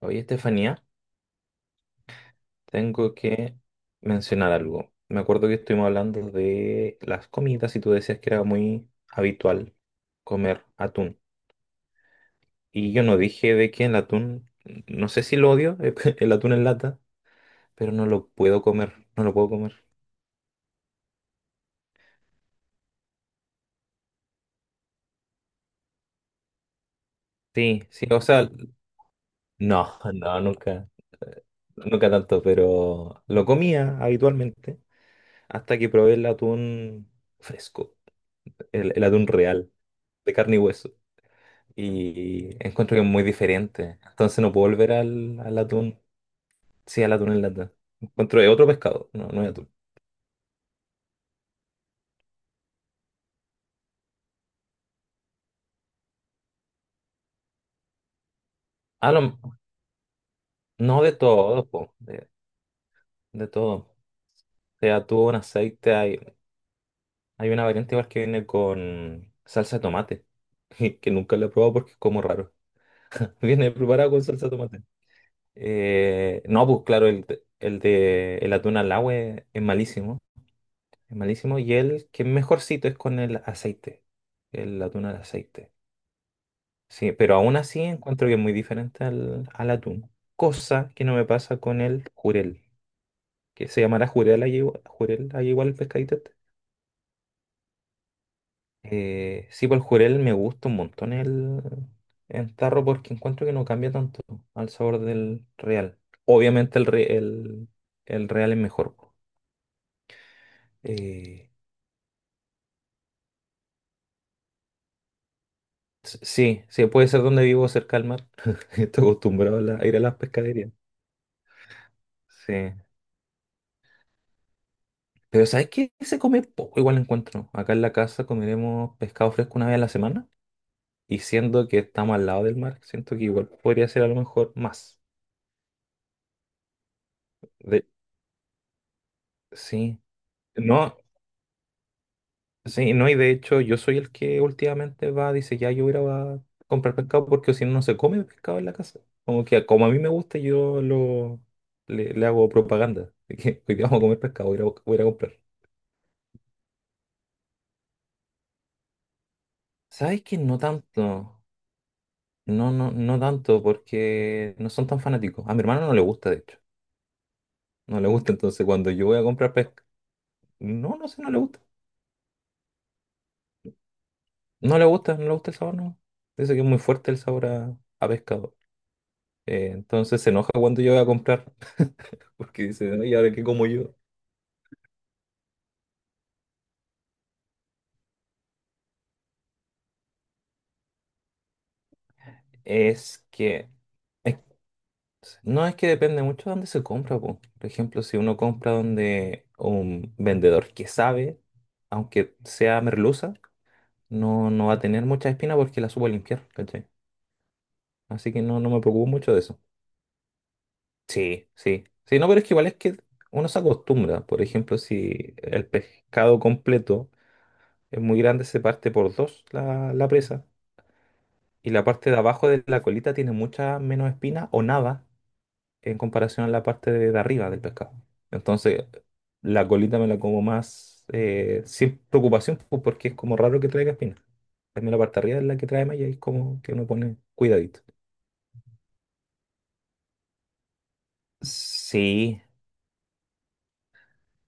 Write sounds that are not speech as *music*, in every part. Oye, Estefanía, tengo que mencionar algo. Me acuerdo que estuvimos hablando de las comidas y tú decías que era muy habitual comer atún. Y yo no dije de que el atún, no sé si lo odio, *laughs* el atún en lata, pero no lo puedo comer, no lo puedo comer. Sí, sí, o sea, no, *laughs* no, nunca, nunca tanto, pero lo comía habitualmente hasta que probé el atún fresco, el atún real, de carne y hueso. Y encuentro que es muy diferente. Entonces no puedo volver al atún. Sí, al atún en lata. Encuentro que es otro pescado, no, no es atún. Ah, lo- no de todo, po, de todo. Sea, atún, aceite, hay una variante igual que viene con salsa de tomate, *laughs* que nunca la he probado porque es como raro. *laughs* Viene preparado con salsa de tomate. No, pues claro, el, el de el atún al agua es malísimo, y el que es mejorcito es con el aceite, el atún al aceite. Sí, pero aún así encuentro que es muy diferente al atún. Cosa que no me pasa con el jurel, que se llamará jurel ahí igual el pescadito este. Sí, por el jurel me gusta un montón el tarro porque encuentro que no cambia tanto al sabor del real. Obviamente el, el real es mejor. Po. Eh, sí, sí, puede ser donde vivo cerca del mar. *laughs* Estoy acostumbrado a, a ir a las pescaderías. Sí. Pero ¿sabes qué? Se come poco, igual encuentro. Acá en la casa comeremos pescado fresco una vez a la semana. Y siendo que estamos al lado del mar, siento que igual podría ser a lo mejor más. De... Sí. No, sí, no, y de hecho yo soy el que últimamente va, dice, ya yo voy a ir a comprar pescado porque si no, no se come pescado en la casa. Como que como a mí me gusta, yo lo le hago propaganda. De que hoy día vamos a comer pescado, voy a ir a, voy a ir a comprar. ¿Sabes qué? No tanto. No, no, no tanto, porque no son tan fanáticos. A mi hermano no le gusta, de hecho. No le gusta, entonces cuando yo voy a comprar pesca. No, no sé, no le gusta. No le gusta, no le gusta el sabor, no. Dice que es muy fuerte el sabor a pescado. Entonces se enoja cuando yo voy a comprar, *laughs* porque dice, ¿y ahora qué como yo? Es que. es- no es que depende mucho de dónde se compra, po. Por ejemplo, si uno compra donde un vendedor que sabe, aunque sea merluza, no, no va a tener mucha espina porque la supo limpiar, ¿cachai? Así que no, no me preocupo mucho de eso. Sí, sí. Sí, no, pero es que igual es que uno se acostumbra. Por ejemplo, si el pescado completo es muy grande, se parte por dos la, la presa. Y la parte de abajo de la colita tiene mucha menos espina o nada en comparación a la parte de arriba del pescado. Entonces, la colita me la como más sin preocupación pues, porque es como raro que traiga espina. También la parte de arriba es la que trae malla y es como que uno pone cuidadito. Sí,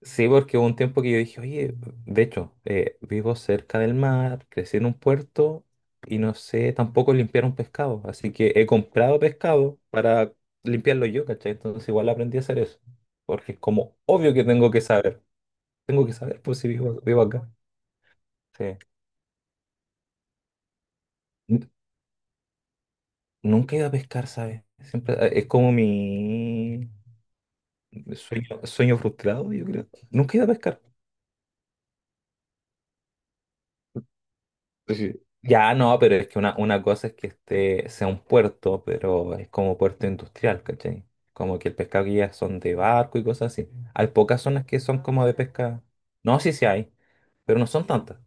sí, porque hubo un tiempo que yo dije, oye, de hecho, vivo cerca del mar, crecí en un puerto y no sé tampoco limpiar un pescado. Así que he comprado pescado para limpiarlo yo, ¿cachai? Entonces igual aprendí a hacer eso. Porque es como obvio que tengo que saber. Tengo que saber, pues si vivo, vivo acá. Sí. N- Nunca he ido a pescar, ¿sabes? Siempre, es como mi sueño, sueño frustrado, yo creo. Nunca he ido a pescar. Sí. Ya no, pero es que una cosa es que este sea un puerto, pero es como puerto industrial, ¿cachai? Como que el pescado que llega son de barco y cosas así. Hay pocas zonas que son como de pesca. No, sí, sí hay, pero no son tantas.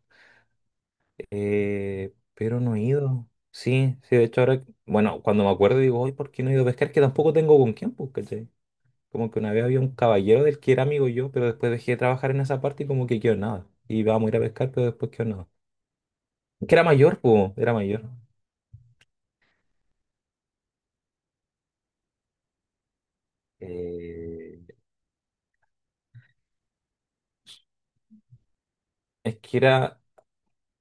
Pero no he ido. Sí, sí, de hecho ahora, bueno, cuando me acuerdo digo, hoy, ¿por qué no he ido a pescar? Que tampoco tengo con quién, pues, ¿cachai? Como que una vez había un caballero del que era amigo yo, pero después dejé de trabajar en esa parte y como que quedó nada. Y vamos a ir a pescar, pero después quedó nada. Que era mayor, pues, era mayor. Eh, es que era,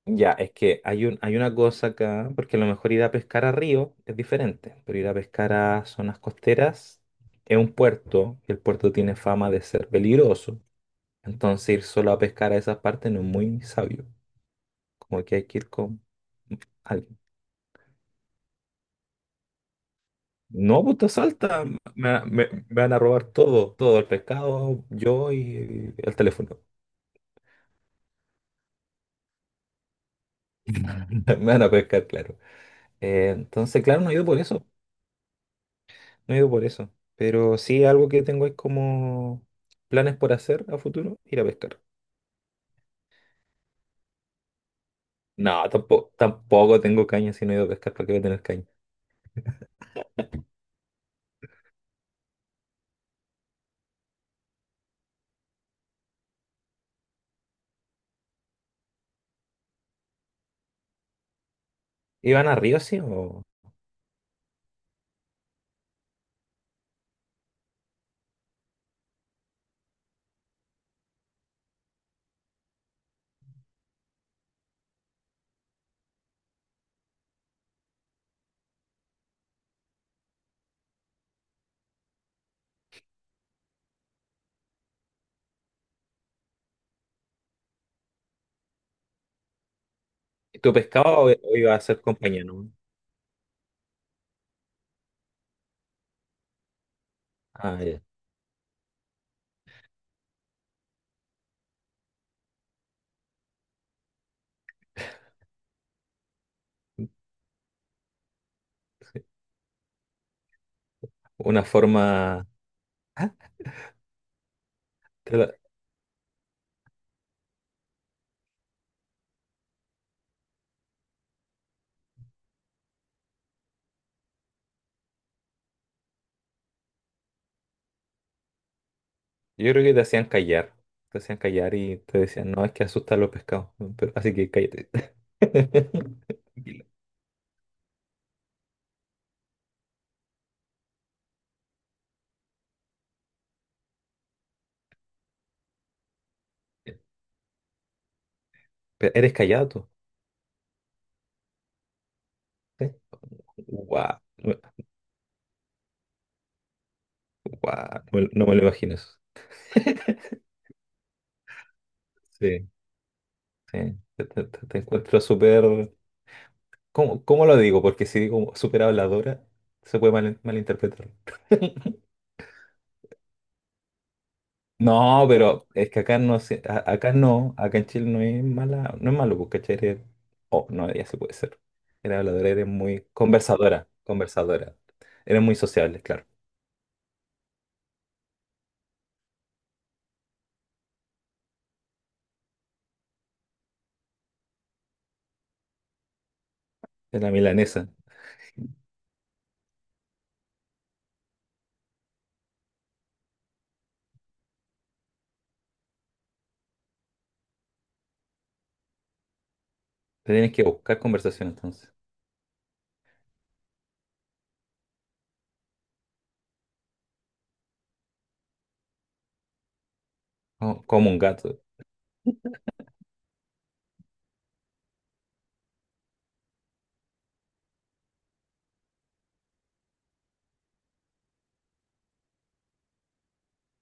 ya, es que hay un, hay una cosa acá, porque a lo mejor ir a pescar a río es diferente, pero ir a pescar a zonas costeras es un puerto, y el puerto tiene fama de ser peligroso, entonces ir solo a pescar a esas partes no es muy sabio, como que hay que ir con alguien. No, pues te asalta, me, me van a robar todo, todo el pescado, yo y el teléfono. *laughs* Me van a pescar, claro. Entonces, claro, no he ido por eso. No he ido por eso. Pero sí, algo que tengo es como planes por hacer a futuro, ir a pescar. No, tampoco, tampoco tengo caña si no he ido a pescar, ¿para qué voy a tener caña? ¿Iban a río, sí? ¿O tú pescabas o ibas a ser compañía, no? Ah, ya. Sí. Una forma. te la- Yo creo que te hacían callar. Te hacían callar y te decían, no, es que asustan los pescados. ¿No? Pero- así que cállate. *laughs* Tranquila. Pero ¿eres callado tú? Wow. No, me no me lo imagino eso. *laughs* Sí. Sí, te, te encuentro súper... ¿Cómo, cómo lo digo? Porque si digo súper habladora, se puede malinterpretar. *laughs* No, pero es que acá no, acá no, acá en Chile no es mala, no es malo, porque ¿cachai? Eres- oh, no, ya se puede ser. Eres habladora, eres muy conversadora, conversadora. Eres muy sociable, claro. Es la milanesa. Te tienes que buscar conversación entonces. Como un gato.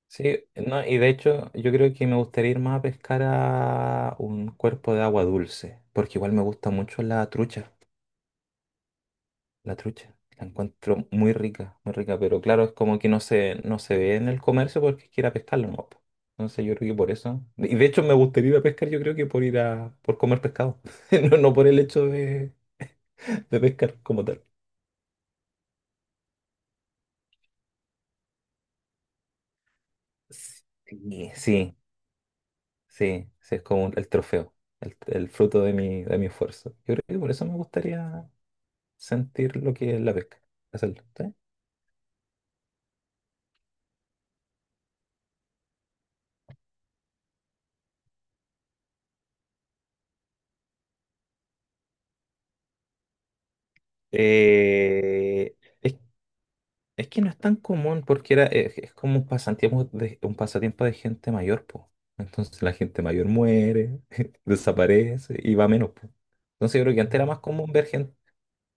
Sí, no, y de hecho yo creo que me gustaría ir más a pescar a un cuerpo de agua dulce, porque igual me gusta mucho la trucha, la trucha, la encuentro muy rica, pero claro, es como que no se, no se ve en el comercio porque quiera pescarlo, ¿no? Po. Entonces yo creo que por eso, y de hecho me gustaría ir a pescar, yo creo que por ir a, por comer pescado, *laughs* no, no por el hecho de pescar como tal. Sí, sí, sí, sí, es como el trofeo, el fruto de mi esfuerzo. Yo creo que por eso me gustaría sentir lo que es la pesca, hacerlo. ¿Sí? Eh, es, es que no es tan común porque era, es como un pasatiempo de gente mayor, po. Entonces la gente mayor muere, *laughs* desaparece y va menos, po. Entonces yo creo que antes era más común ver gente.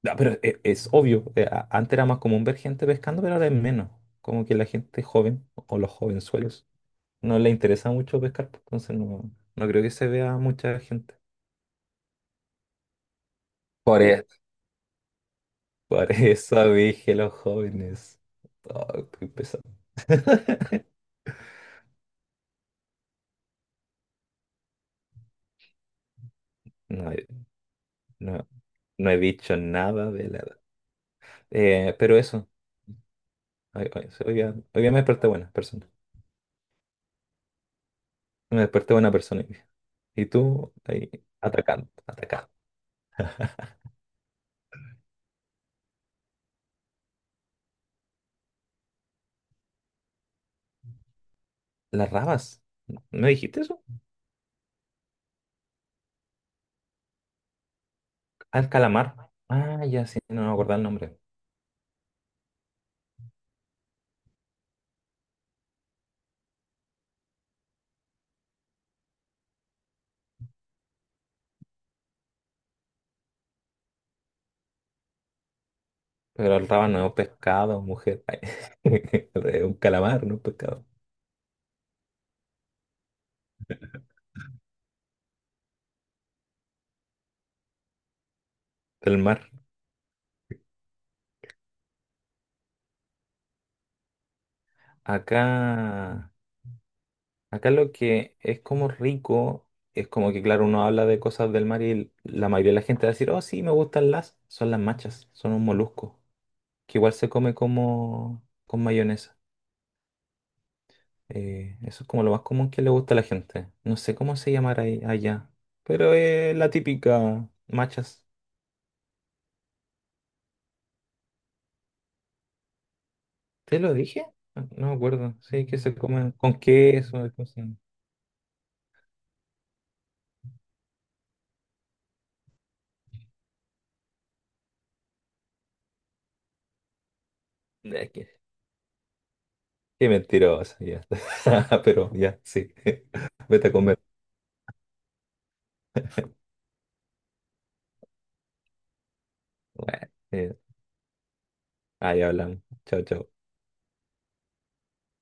No, pero es, obvio, antes era más común ver gente pescando, pero ahora es menos. Como que la gente joven o los jovenzuelos no le interesa mucho pescar, po. Entonces no, no creo que se vea mucha gente. Por e- Por eso dije los jóvenes. Oh, qué pesado. *laughs* No, no, no he dicho nada de la edad. Pero eso, hoy, hoy día me desperté buena persona. Me desperté buena persona. Hoy día. Y tú ahí atacando, atacando. Las rabas, ¿me dijiste eso? Al calamar. Ah, ya sí, no me acuerdo el nombre. Pero el raba no es un pescado, mujer. *laughs* Es un calamar, no un pescado. Del mar. Acá. Acá lo que es como rico es como que, claro, uno habla de cosas del mar y la mayoría de la gente va a decir, oh, sí, me gustan las, son las machas, son un molusco, que igual se come como con mayonesa. Eso es como lo más común que le gusta a la gente. No sé cómo se llamará allá, pero es la típica machas. ¿Te lo dije? No no me acuerdo. Sí, que se comen con queso. Y cosas. Qué qué mentirosa, ya. *laughs* Pero ya, sí. *laughs* Vete a comer. Bueno, ahí hablamos. Chao, chao.